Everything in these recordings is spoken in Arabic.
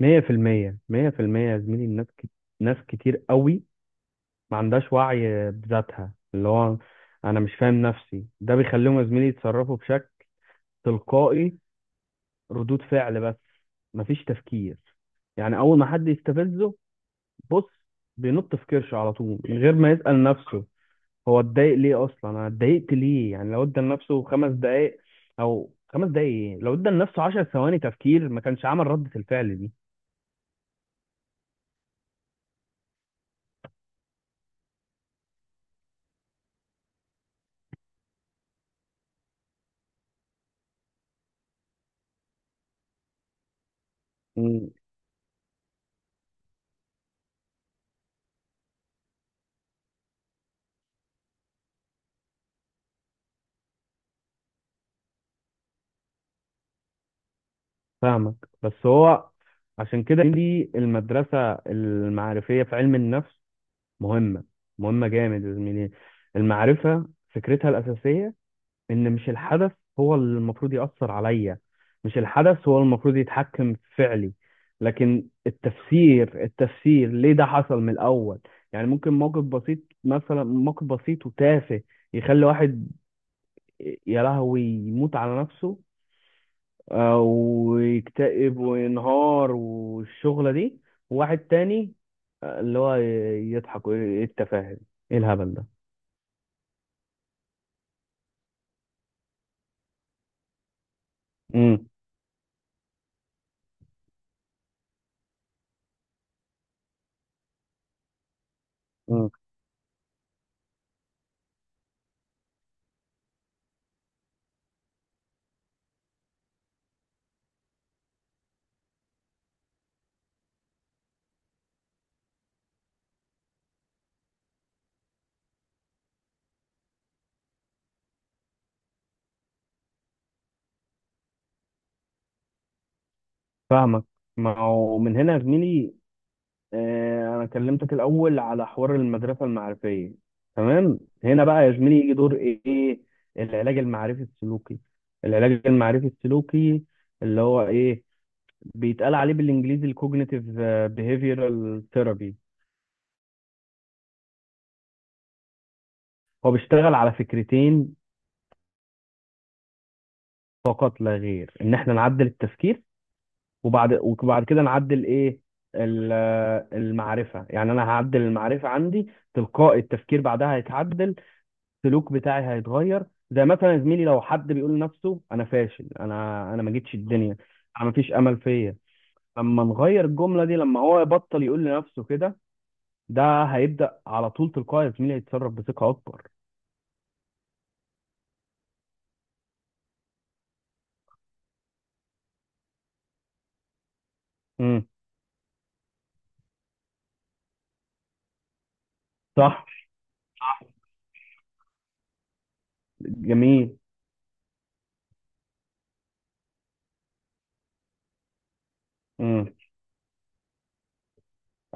مية في المية، 100% يا زميلي. الناس ناس كتير قوي ما عندهاش وعي بذاتها، اللي هو أنا مش فاهم نفسي. ده بيخليهم يا زميلي يتصرفوا بشكل تلقائي، ردود فعل بس، مفيش تفكير. يعني أول ما حد يستفزه، بص، بينط في كرشه على طول من غير ما يسأل نفسه هو اتضايق ليه أصلا، أنا اتضايقت ليه. يعني لو ادى لنفسه 5 دقايق، أو 5 دقايق إيه؟ لو ادى لنفسه 10 ثواني تفكير ما كانش عمل ردة الفعل دي. فاهمك. بس هو عشان كده دي المدرسة المعرفية في علم النفس مهمة، مهمة جامد يا زميلي. المعرفة فكرتها الأساسية إن مش الحدث هو اللي المفروض يأثر عليا، مش الحدث هو المفروض يتحكم في فعلي، لكن التفسير، التفسير ليه ده حصل من الأول. يعني ممكن موقف بسيط، مثلا موقف بسيط وتافه، يخلي واحد يا لهوي يموت على نفسه، ويكتئب وينهار والشغلة دي. وواحد تاني اللي هو يضحك ويقول ايه التفاهة، ايه الهبل ده. امم. مم. فاهمك. ما هو من هنا يا زميلي انا كلمتك الاول على حوار المدرسه المعرفيه. تمام، هنا بقى يا زميلي يجي دور ايه؟ العلاج المعرفي السلوكي، العلاج المعرفي السلوكي، اللي هو ايه، بيتقال عليه بالانجليزي الكوجنيتيف بيهيفيرال ثيرابي. هو بيشتغل على فكرتين فقط لا غير، ان احنا نعدل التفكير، وبعد كده نعدل ايه، ال- المعرفة. يعني انا هعدل المعرفة عندي، تلقائي التفكير بعدها هيتعدل، السلوك بتاعي هيتغير. زي مثلا يا زميلي لو حد بيقول لنفسه انا فاشل، انا ما جيتش الدنيا، انا ما فيش امل فيا، لما نغير الجملة دي، لما هو يبطل يقول لنفسه كده، ده هيبدأ على طول تلقائي يا زميلي يتصرف بثقة اكبر. امم. صح. جميل. امم.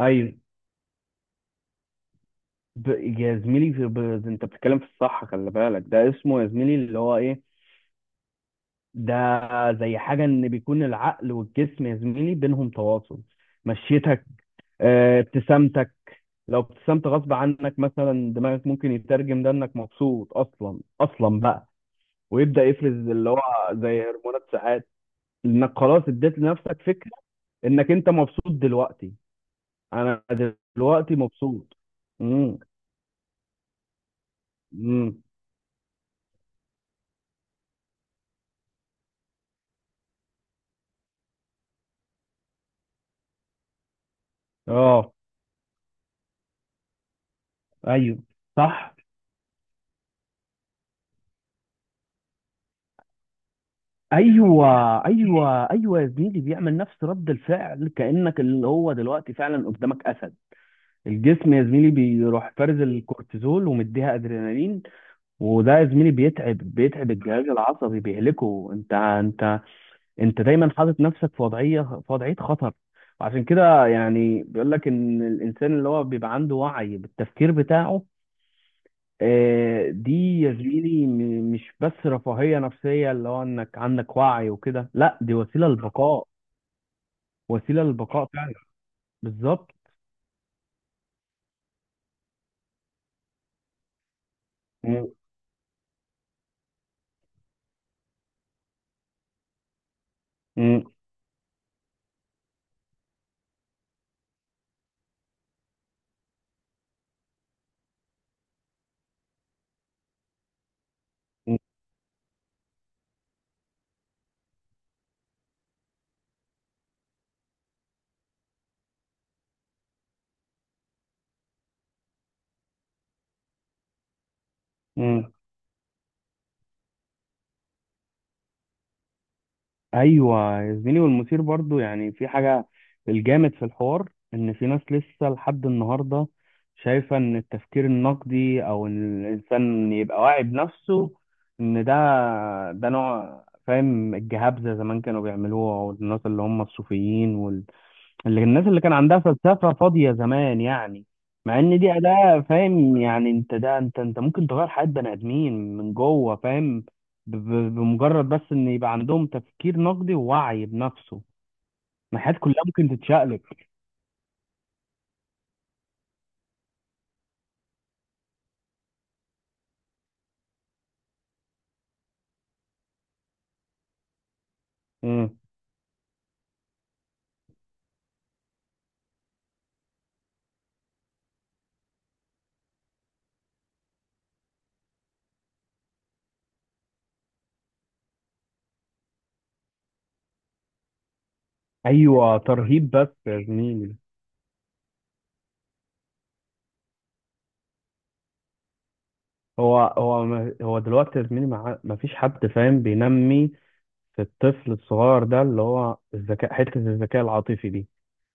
ايوه. ب... يا زميلي انت بتتكلم في الصح، خلي بالك، ده اسمه يا زميلي اللي هو ايه، ده زي حاجه، ان بيكون العقل والجسم يا زميلي بينهم تواصل. مشيتك، ابتسامتك، لو ابتسمت غصب عنك مثلا دماغك ممكن يترجم ده انك مبسوط، اصلا، اصلا بقى، ويبدا يفرز اللي هو زي هرمونات سعاده، انك خلاص اديت لنفسك فكره انك انت مبسوط دلوقتي. انا دلوقتي مبسوط. امم. امم. اه. ايوه. صح. ايوه، ايوه، ايوه يا زميلي، بيعمل نفس رد الفعل كانك اللي هو دلوقتي فعلا قدامك اسد. الجسم يا زميلي بيروح فارز الكورتيزول ومديها ادرينالين، وده يا زميلي بيتعب، بيتعب الجهاز العصبي، بيهلكه. انت دايما حاطط نفسك في وضعيه خطر. وعشان كده يعني بيقول لك ان الانسان اللي هو بيبقى عنده وعي بالتفكير بتاعه، دي يا زميلي مش بس رفاهية نفسية اللي هو انك عندك وعي وكده، لا، دي وسيلة للبقاء، وسيلة للبقاء فعلا. بالظبط. م- م- م- م. ايوه يا زميلي، والمثير برضو يعني في حاجة، الجامد في الحوار ان في ناس لسه لحد النهاردة شايفة ان التفكير النقدي او ان الانسان يبقى واعي بنفسه، ان ده، ده نوع فاهم الجهابزة زمان كانوا بيعملوها، والناس اللي هم الصوفيين، اللي الناس اللي كان عندها فلسفة فاضية زمان يعني. مع ان دي أداة فاهم، يعني انت ده انت ممكن تغير حياة بني آدمين من جوه فاهم، بمجرد بس ان يبقى عندهم تفكير نقدي ووعي بنفسه، ما الحياة كلها ممكن تتشقلب. مم. ايوه ترهيب بس يا زميلي. هو دلوقتي يا زميلي ما فيش حد فاهم بينمي في الطفل الصغير ده اللي هو الذكاء، حتة الذكاء العاطفي دي.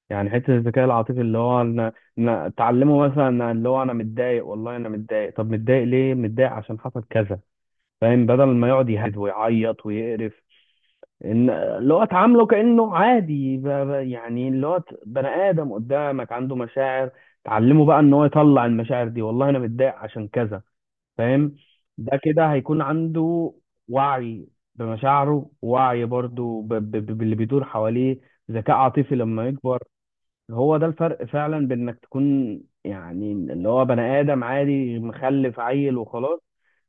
يعني حته الذكاء العاطفي اللي هو انا، تعلمه، مثلا أنا اللي هو انا متضايق، والله انا متضايق، طب متضايق ليه، متضايق عشان حصل كذا فاهم، بدل ما يقعد يهد ويعيط ويقرف، ان اللي هو اتعامله كانه عادي، يعني اللي هو بني ادم قدامك عنده مشاعر. تعلمه بقى ان هو يطلع المشاعر دي، والله انا متضايق عشان كذا فاهم. ده كده هيكون عنده وعي بمشاعره، وعي برضو باللي بيدور حواليه، ذكاء عاطفي لما يكبر. هو ده الفرق فعلا بين انك تكون يعني اللي هو بني ادم عادي مخلف عيل وخلاص،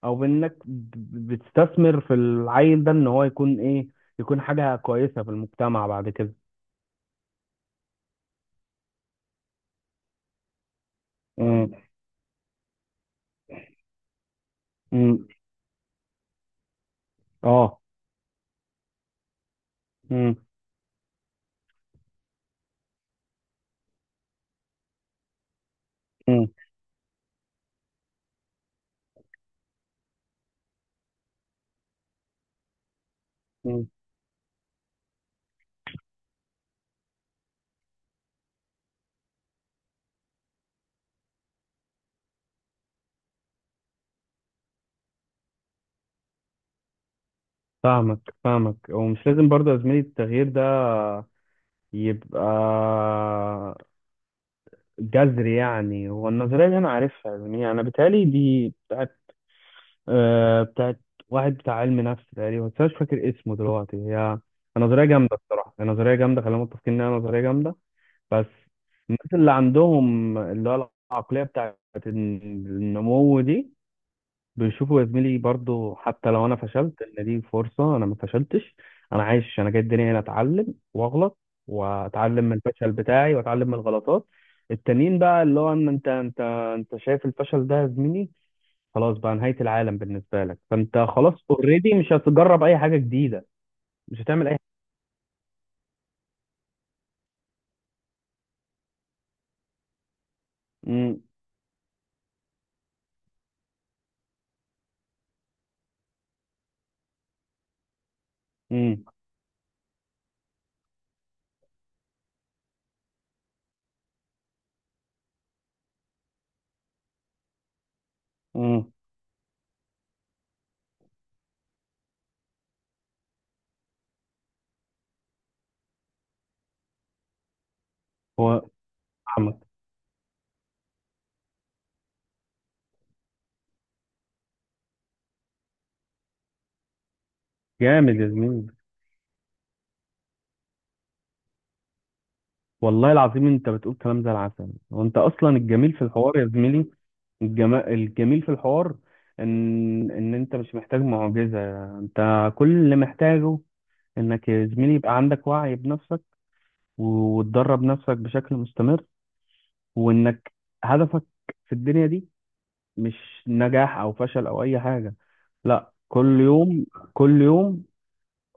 او بين انك بتستثمر في العيل ده ان هو يكون ايه، يكون حاجة كويسة في المجتمع بعد كده. امم. امم. اه. امم. امم. امم. فاهمك، فاهمك، ومش لازم برضه يا زميلي التغيير ده يبقى جذر. يعني هو النظرية دي أنا عارفها، يعني أنا بيتهيألي دي بتاعت، بتاعت واحد بتاع علم نفس تقريبا بس أنا مش فاكر اسمه دلوقتي. هي نظرية جامدة الصراحة، هي نظرية جامدة، خلينا متفقين إنها نظرية جامدة. بس الناس اللي عندهم اللي هو العقلية بتاعت النمو دي، بيشوفوا يا زميلي برضو حتى لو انا فشلت ان دي فرصه، انا ما فشلتش، انا عايش، انا جاي الدنيا هنا اتعلم واغلط، واتعلم من الفشل بتاعي، واتعلم من الغلطات التانيين بقى، اللي هو ان انت، انت شايف الفشل ده يا زميلي خلاص بقى نهايه العالم بالنسبه لك، فانت خلاص اوريدي مش هتجرب اي حاجه جديده، مش هتعمل اي... امم. امم. امم. هو فاهمك. جامد يا زميلي، والله العظيم انت بتقول كلام زي العسل، وانت اصلا الجميل في الحوار يا زميلي، الجميل في الحوار ان ان انت مش محتاج معجزة. انت كل اللي محتاجه انك يا زميلي يبقى عندك وعي بنفسك وتدرب نفسك بشكل مستمر، وانك هدفك في الدنيا دي مش نجاح او فشل او اي حاجة، لا، كل يوم، كل يوم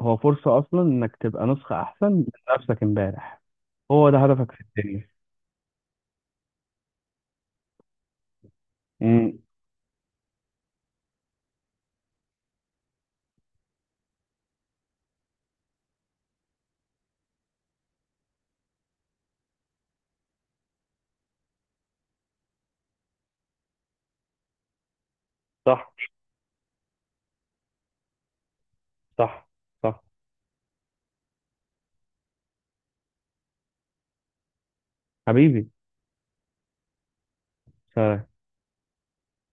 هو فرصة اصلا انك تبقى نسخة احسن من نفسك امبارح، هو ده هدفك في الدنيا. امم. صح. صح. صح. حبيبي.